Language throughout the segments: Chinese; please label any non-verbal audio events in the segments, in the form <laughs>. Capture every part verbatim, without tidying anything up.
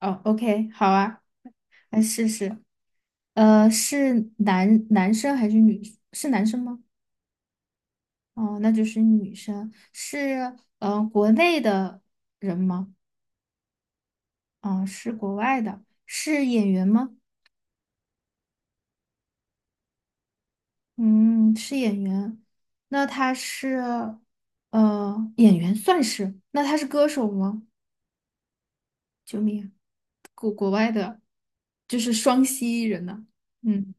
哦，OK，好啊，来试试。呃，是男男生还是女？是男生吗？哦，那就是女生。是呃，国内的人吗？哦，是国外的。是演员吗？嗯，是演员。那他是呃，演员算是。那他是歌手吗？救命啊，就是双栖人呢、嗯，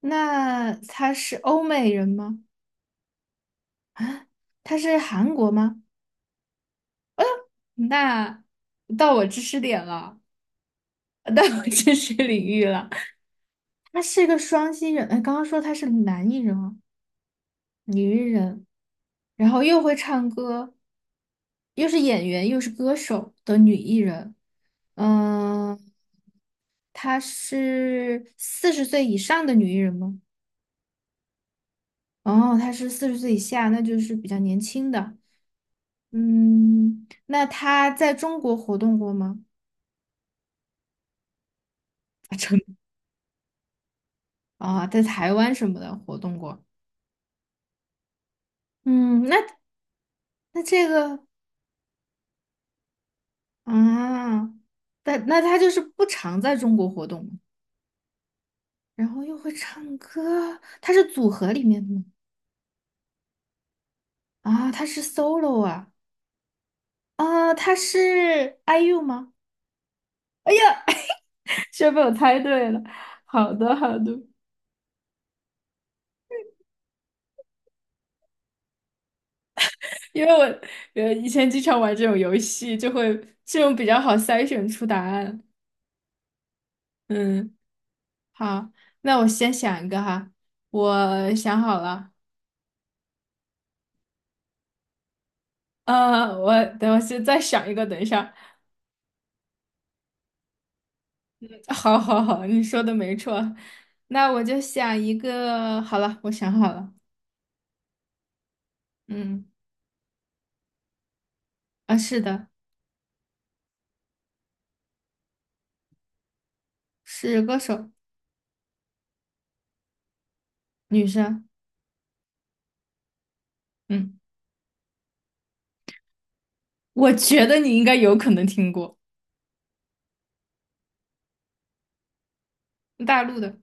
那他是欧美人吗？他是韩国吗？那到我知识点了，到我知识领域了。<laughs> 他是一个双新人，哎，刚刚说他是男艺人啊，女艺人，然后又会唱歌，又是演员又是歌手的女艺人。嗯，她是四十岁以上的女艺人吗？哦，她是四十岁以下，那就是比较年轻的。嗯，那她在中国活动过吗？<laughs> 啊，真的啊，在台湾什么的活动过。嗯，那那这个啊，但那他就是不常在中国活动，然后又会唱歌，他是组合里面的吗？啊，他是 solo 啊，啊，他是 I U 吗？哎呀，居然被我猜对了。好的，好的，因为我呃以前经常玩这种游戏，就会这种比较好筛选出答案。嗯，好，那我先想一个哈，我想好了，呃，我等我先再想一个，等一下。<laughs> 好好好，你说的没错。那我就想一个，好了，我想好了。嗯，啊，是的，是歌手，女生。嗯，我觉得你应该有可能听过。大陆的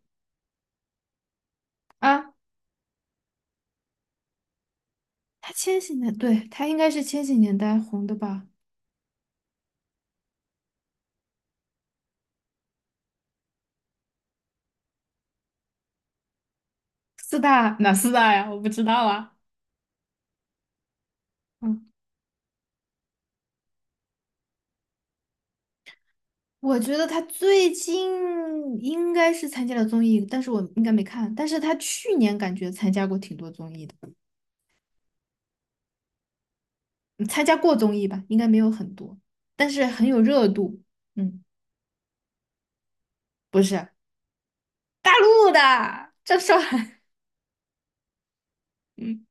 啊，她千禧年，对，她应该是千禧年代红的吧？四大哪四大呀？我不知道啊。嗯，我觉得她最近应该是参加了综艺，但是我应该没看。但是她去年感觉参加过挺多综艺的。嗯，参加过综艺吧，应该没有很多，但是很有热度。嗯，不是。大陆的郑韶涵。嗯，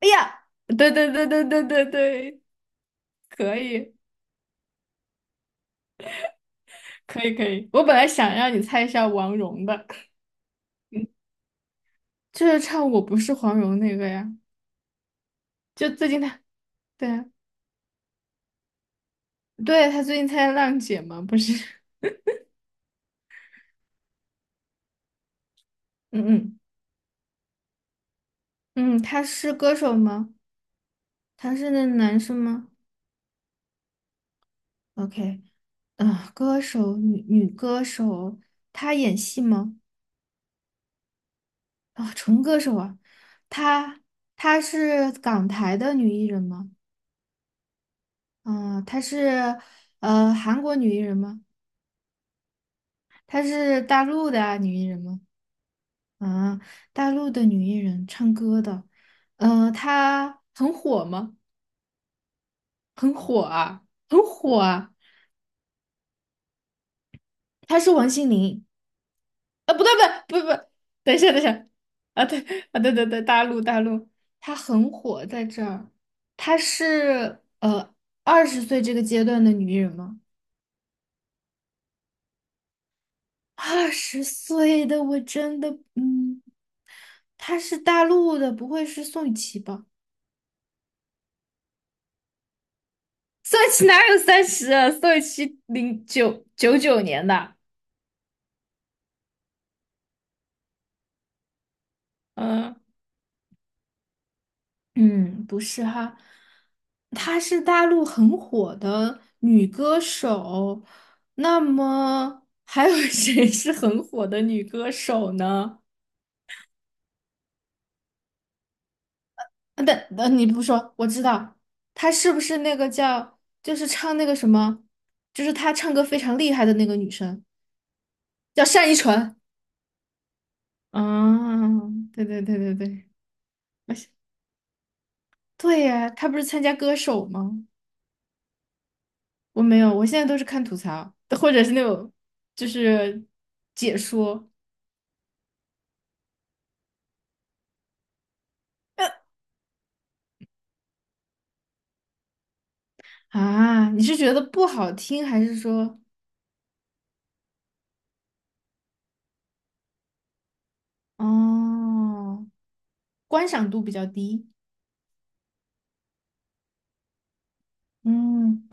哎呀，对对对对对对对，可以可以可以。我本来想让你猜一下王蓉的，就是唱《我不是黄蓉》那个呀，就最近她，对啊，对，她最近参加浪姐嘛，不是？<laughs> 嗯嗯嗯，她是歌手吗？她是那男生吗？OK，嗯，歌手，女女歌手，她演戏吗？啊、纯歌手啊，她她是港台的女艺人吗？啊、她是呃韩国女艺人吗？她是大陆的啊女艺人吗？啊、大陆的女艺人唱歌的，呃，她很火吗？很火啊，很火啊！她是王心凌。啊？不对不对不不，等一下等一下，啊对啊对对对，大陆大陆，她很火在这儿。她是呃二十岁这个阶段的女艺人吗？二十岁的我真的，嗯，她是大陆的，不会是宋雨琦吧？宋雨琦哪有三十啊？宋雨琦零九九九年的。嗯嗯，不是哈，她是大陆很火的女歌手。那么还有 <laughs> 谁是很火的女歌手呢？啊，等，呃，你不说，我知道，她是不是那个叫，就是唱那个什么，就是她唱歌非常厉害的那个女生？叫单依纯。啊，对对对对对，而且对呀，他不是参加歌手吗？我没有，我现在都是看吐槽，或者是那种就是解说。啊，你是觉得不好听，还是说哦观赏度比较低？嗯，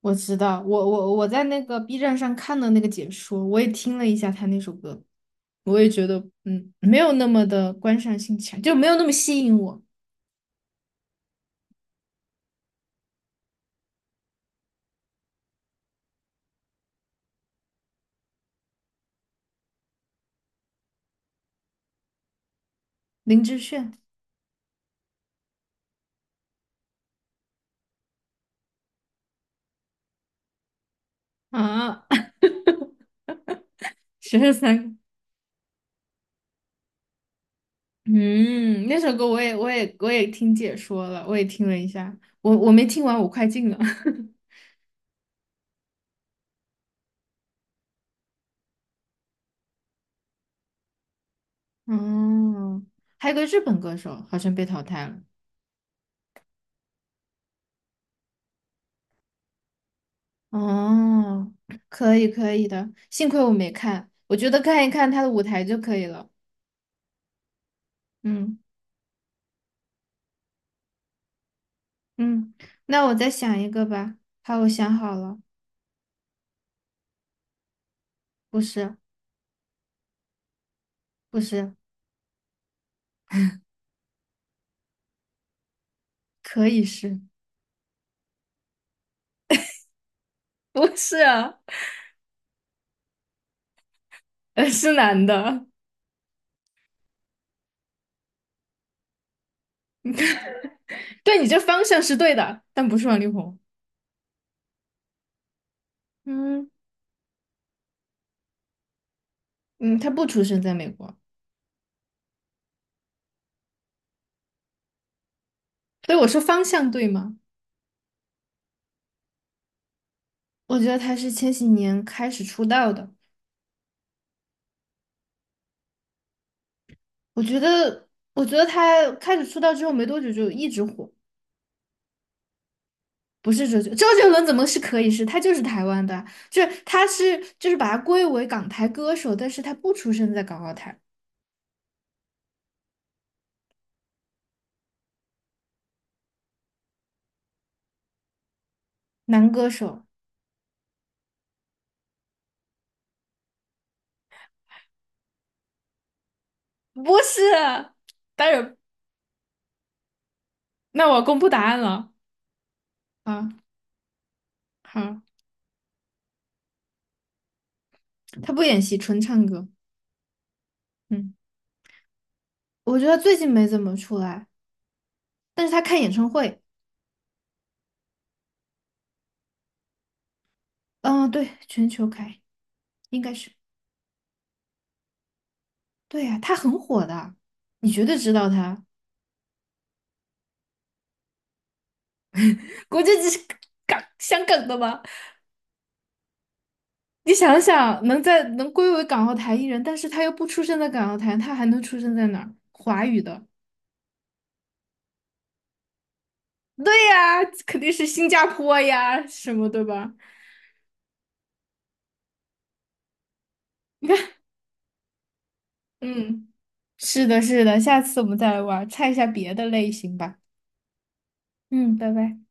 我知道，我我我在那个 B 站上看的那个解说，我也听了一下他那首歌，我也觉得嗯没有那么的观赏性强，就没有那么吸引我。林志炫。啊，<laughs> 十哈，三个，嗯，那首歌我也我也我也听解说了，我也听了一下，我我没听完，我快进了。<laughs> 哦，还有个日本歌手好像被淘汰了。哦，可以可以的，幸亏我没看，我觉得看一看他的舞台就可以了。嗯嗯，那我再想一个吧。好，我想好了。不是。不是。可以是。<laughs> 不是啊。<laughs> 呃，是男的。对，你这方向是对的，但不是王力宏。嗯嗯，他不出生在美国，所以我说方向对吗？我觉得他是千禧年开始出道的。我觉得，我觉得他开始出道之后没多久就一直火。不是，周杰周杰伦怎么是可以是？他就是台湾的啊，就是他是就是把他归为港台歌手，但是他不出生在港澳台。男歌手。不是。当然，那我公布答案了。啊，好，他不演戏，纯唱歌。嗯。我觉得最近没怎么出来，但是他开演唱会。嗯，对，全球开，应该是。对呀、他很火的，你绝对知道他。<laughs> 国际级是港香港的吗？你想想，能在能归为港澳台艺人，但是他又不出生在港澳台，他还能出生在哪儿？华语的，对呀、肯定是新加坡呀，什么对吧？嗯，是的，是的，下次我们再来玩儿，猜一下别的类型吧。嗯，拜拜。